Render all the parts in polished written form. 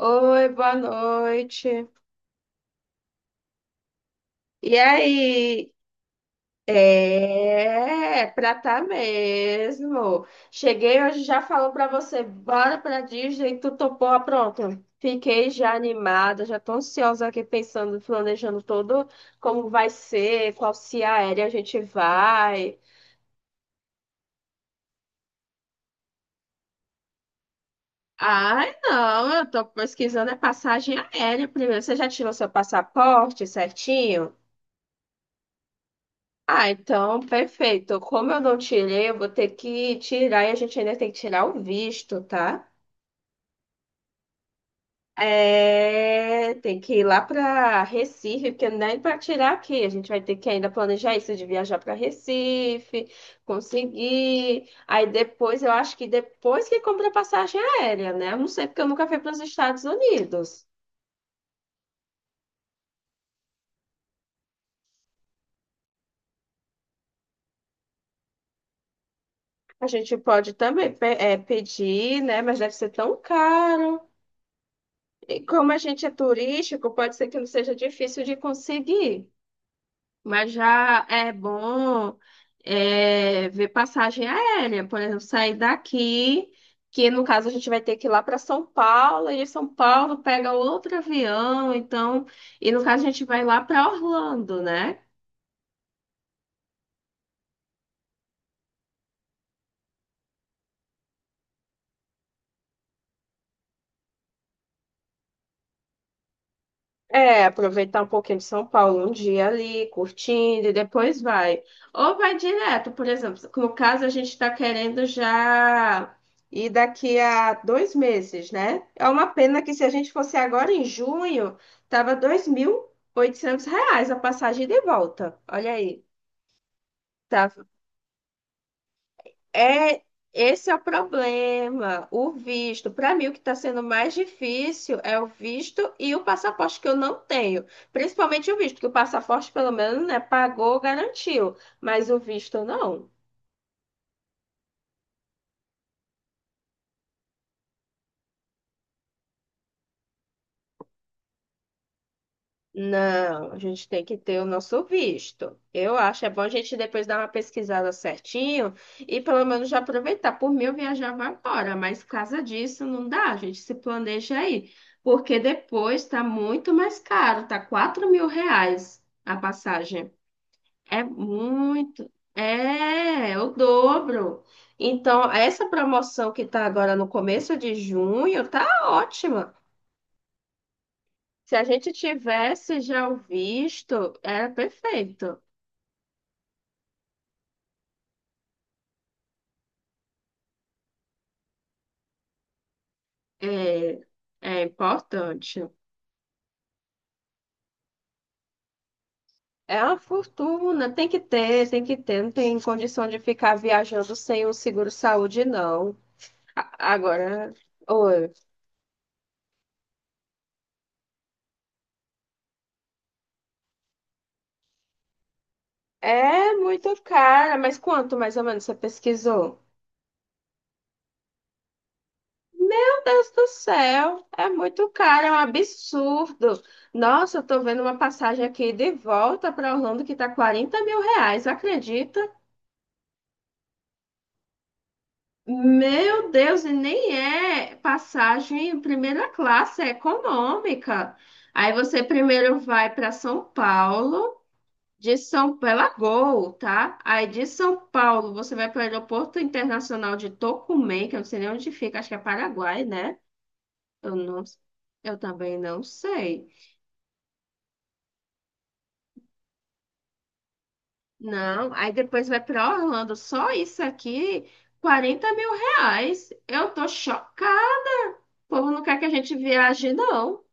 Oi, boa noite. E aí? É, pra tá mesmo. Cheguei hoje, já falou pra você, bora pra Disney, tu topou, ah, pronto. Fiquei já animada, já tô ansiosa aqui pensando, planejando todo como vai ser, qual se aérea a gente vai. Ai, não, eu tô pesquisando é passagem aérea primeiro. Você já tirou seu passaporte certinho? Ah, então, perfeito. Como eu não tirei, eu vou ter que tirar e a gente ainda tem que tirar o visto, tá? É, tem que ir lá para Recife, porque nem para tirar aqui. A gente vai ter que ainda planejar isso de viajar para Recife, conseguir. Aí depois, eu acho que depois que compra a passagem aérea, né? Eu não sei, porque eu nunca fui para os Estados Unidos. A gente pode também pedir, né? Mas deve ser tão caro. E como a gente é turístico, pode ser que não seja difícil de conseguir, mas já é bom ver passagem aérea, por exemplo, sair daqui, que no caso a gente vai ter que ir lá para São Paulo, e de São Paulo pega outro avião, então, e no caso a gente vai lá para Orlando, né? É, aproveitar um pouquinho de São Paulo, um dia ali, curtindo, e depois vai. Ou vai direto, por exemplo, no caso a gente está querendo já ir daqui a 2 meses, né? É uma pena que se a gente fosse agora em junho, tava R$ 2.800 a passagem de volta. Olha aí, tá. é, Esse é o problema, o visto. Para mim, o que está sendo mais difícil é o visto e o passaporte que eu não tenho. Principalmente o visto, que o passaporte, pelo menos, né, pagou, garantiu. Mas o visto não. Não, a gente tem que ter o nosso visto. Eu acho, é bom a gente depois dar uma pesquisada certinho e pelo menos já aproveitar. Por mim, eu viajava agora, mas por causa disso não dá, a gente se planeja aí. Porque depois tá muito mais caro, tá R$ 4.000 a passagem. É muito, o dobro. Então, essa promoção que tá agora no começo de junho tá ótima. Se a gente tivesse já o visto, era perfeito. É, é importante. É uma fortuna, tem que ter, tem que ter. Não tem condição de ficar viajando sem o seguro-saúde, não. Agora, oi. É muito cara, mas quanto mais ou menos você pesquisou? Meu Deus do céu, é muito caro, é um absurdo. Nossa, eu tô vendo uma passagem aqui de volta para Orlando que tá R$ 40.000, acredita? Meu Deus, e nem é passagem em primeira classe, é econômica. Aí você primeiro vai para São Paulo, de São pela Gol, tá? Aí de São Paulo você vai para o Aeroporto Internacional de Tocumen, que eu não sei nem onde fica, acho que é Paraguai, né? Eu não, eu também não sei. Não, aí depois vai para Orlando, só isso aqui, R$ 40.000. Eu tô chocada. O povo não quer que a gente viaje, não.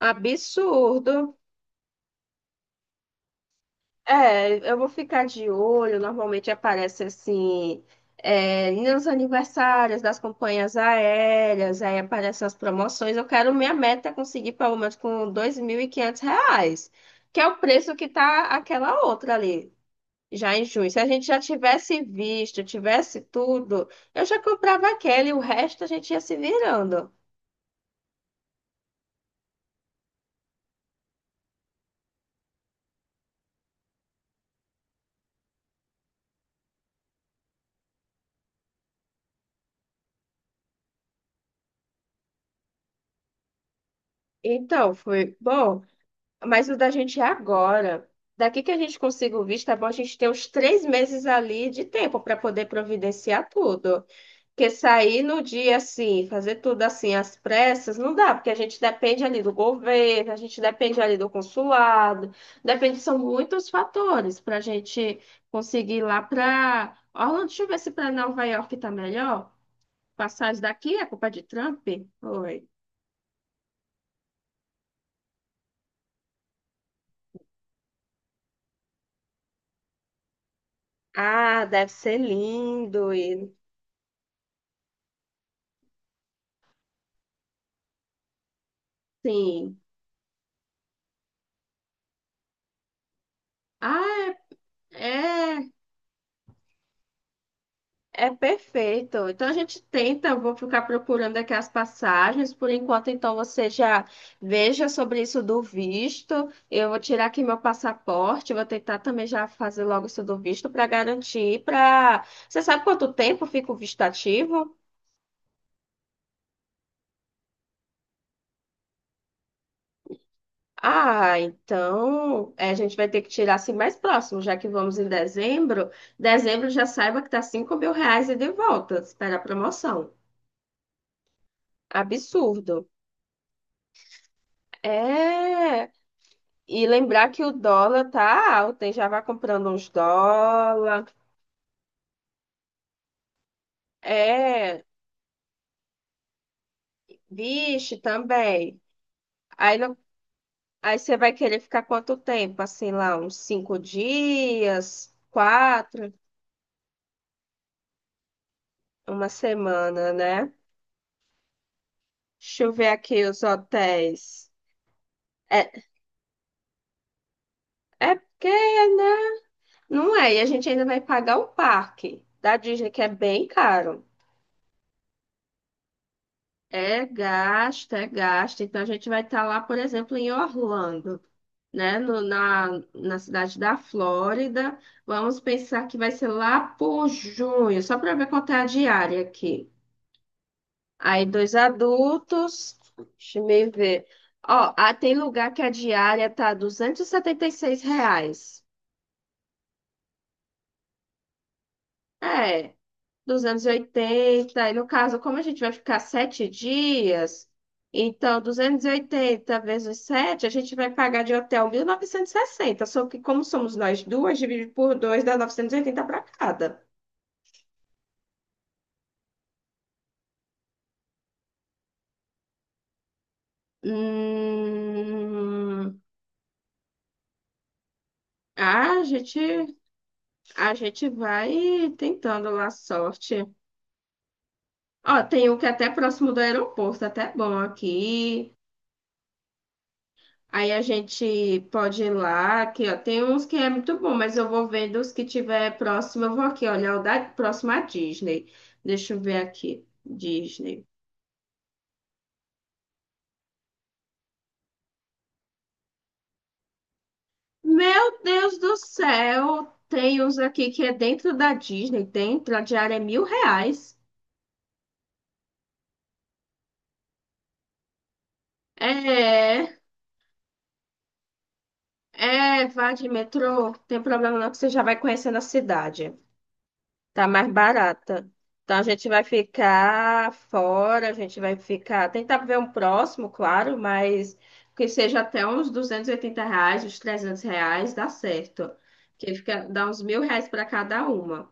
Absurdo. É, eu vou ficar de olho. Normalmente aparece assim, nos aniversários das companhias aéreas, aí aparecem as promoções. Eu quero minha meta é conseguir pelo menos com R$ 2.500, que é o preço que tá aquela outra ali, já em junho. Se a gente já tivesse visto, tivesse tudo, eu já comprava aquela e o resto a gente ia se virando. Então, foi bom. Mas o da gente é agora. Daqui que a gente consiga o visto, é bom a gente ter uns 3 meses ali de tempo para poder providenciar tudo. Porque sair no dia assim, fazer tudo assim às pressas, não dá, porque a gente depende ali do governo, a gente depende ali do consulado, depende, são muitos fatores para a gente conseguir ir lá para. Orlando, deixa eu ver se para Nova York tá melhor. Passagem daqui é culpa de Trump? Oi. Ah, deve ser lindo. E. Sim. Ah, é, é perfeito. Então a gente tenta, eu vou ficar procurando aqui as passagens. Por enquanto, então você já veja sobre isso do visto. Eu vou tirar aqui meu passaporte, vou tentar também já fazer logo isso do visto para garantir para. Você sabe quanto tempo fica o visto ativo? Ah, então a gente vai ter que tirar assim mais próximo, já que vamos em dezembro. Dezembro já saiba que tá R$ 5.000 e de volta. Espera a promoção. Absurdo. É, e lembrar que o dólar tá alto, hein? Já vai comprando uns dólar. É, vixe, também. Aí, não, aí você vai querer ficar quanto tempo? Assim, lá, uns 5 dias, quatro, uma semana, né? Deixa eu ver aqui os hotéis. É, é porque, né? Não é, e a gente ainda vai pagar o parque da Disney, que é bem caro. É gasto, é gasto. Então a gente vai estar lá, por exemplo, em Orlando, né? Na cidade da Flórida. Vamos pensar que vai ser lá por junho, só para ver quanto é a diária aqui. Aí dois adultos, deixa eu me ver. Ó, ah, tem lugar que a diária tá R$ 276. É. 280 e no caso, como a gente vai ficar 7 dias, então 280 vezes 7 a gente vai pagar de hotel 1.960 só que como somos nós duas, divide por dois, dá 980 para cada. Hum, a gente, a gente vai tentando lá a sorte. Ó, tem um que é até próximo do aeroporto, até bom aqui. Aí a gente pode ir lá, aqui, ó. Tem uns que é muito bom, mas eu vou vendo os que tiver próximo. Eu vou aqui olha o da próxima Disney. Deixa eu ver aqui. Disney. Meu Deus do céu! Tem uns aqui que é dentro da Disney, dentro, a diária é R$ 1.000. É, é, vá de metrô, tem problema não, que você já vai conhecendo a cidade. Tá mais barata. Então a gente vai ficar fora, a gente vai ficar. Tentar ver um próximo, claro, mas que seja até uns R$ 280, uns R$ 300, dá certo. Que fica, dá uns R$ 1.000 para cada uma.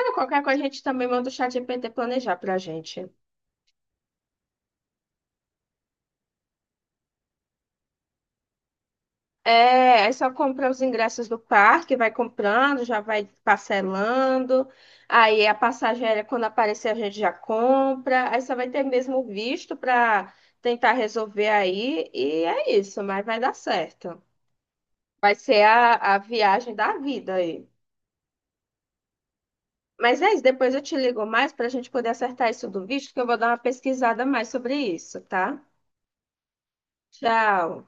Ah, qualquer coisa a gente também manda o chat ChatGPT planejar pra gente. É, aí só compra os ingressos do parque, vai comprando, já vai parcelando. Aí a passagem aérea, quando aparecer, a gente já compra. Aí só vai ter mesmo o visto para tentar resolver aí. E é isso, mas vai dar certo. Vai ser a viagem da vida aí. Mas é isso, depois eu te ligo mais para a gente poder acertar isso do visto, que eu vou dar uma pesquisada mais sobre isso, tá? Tchau.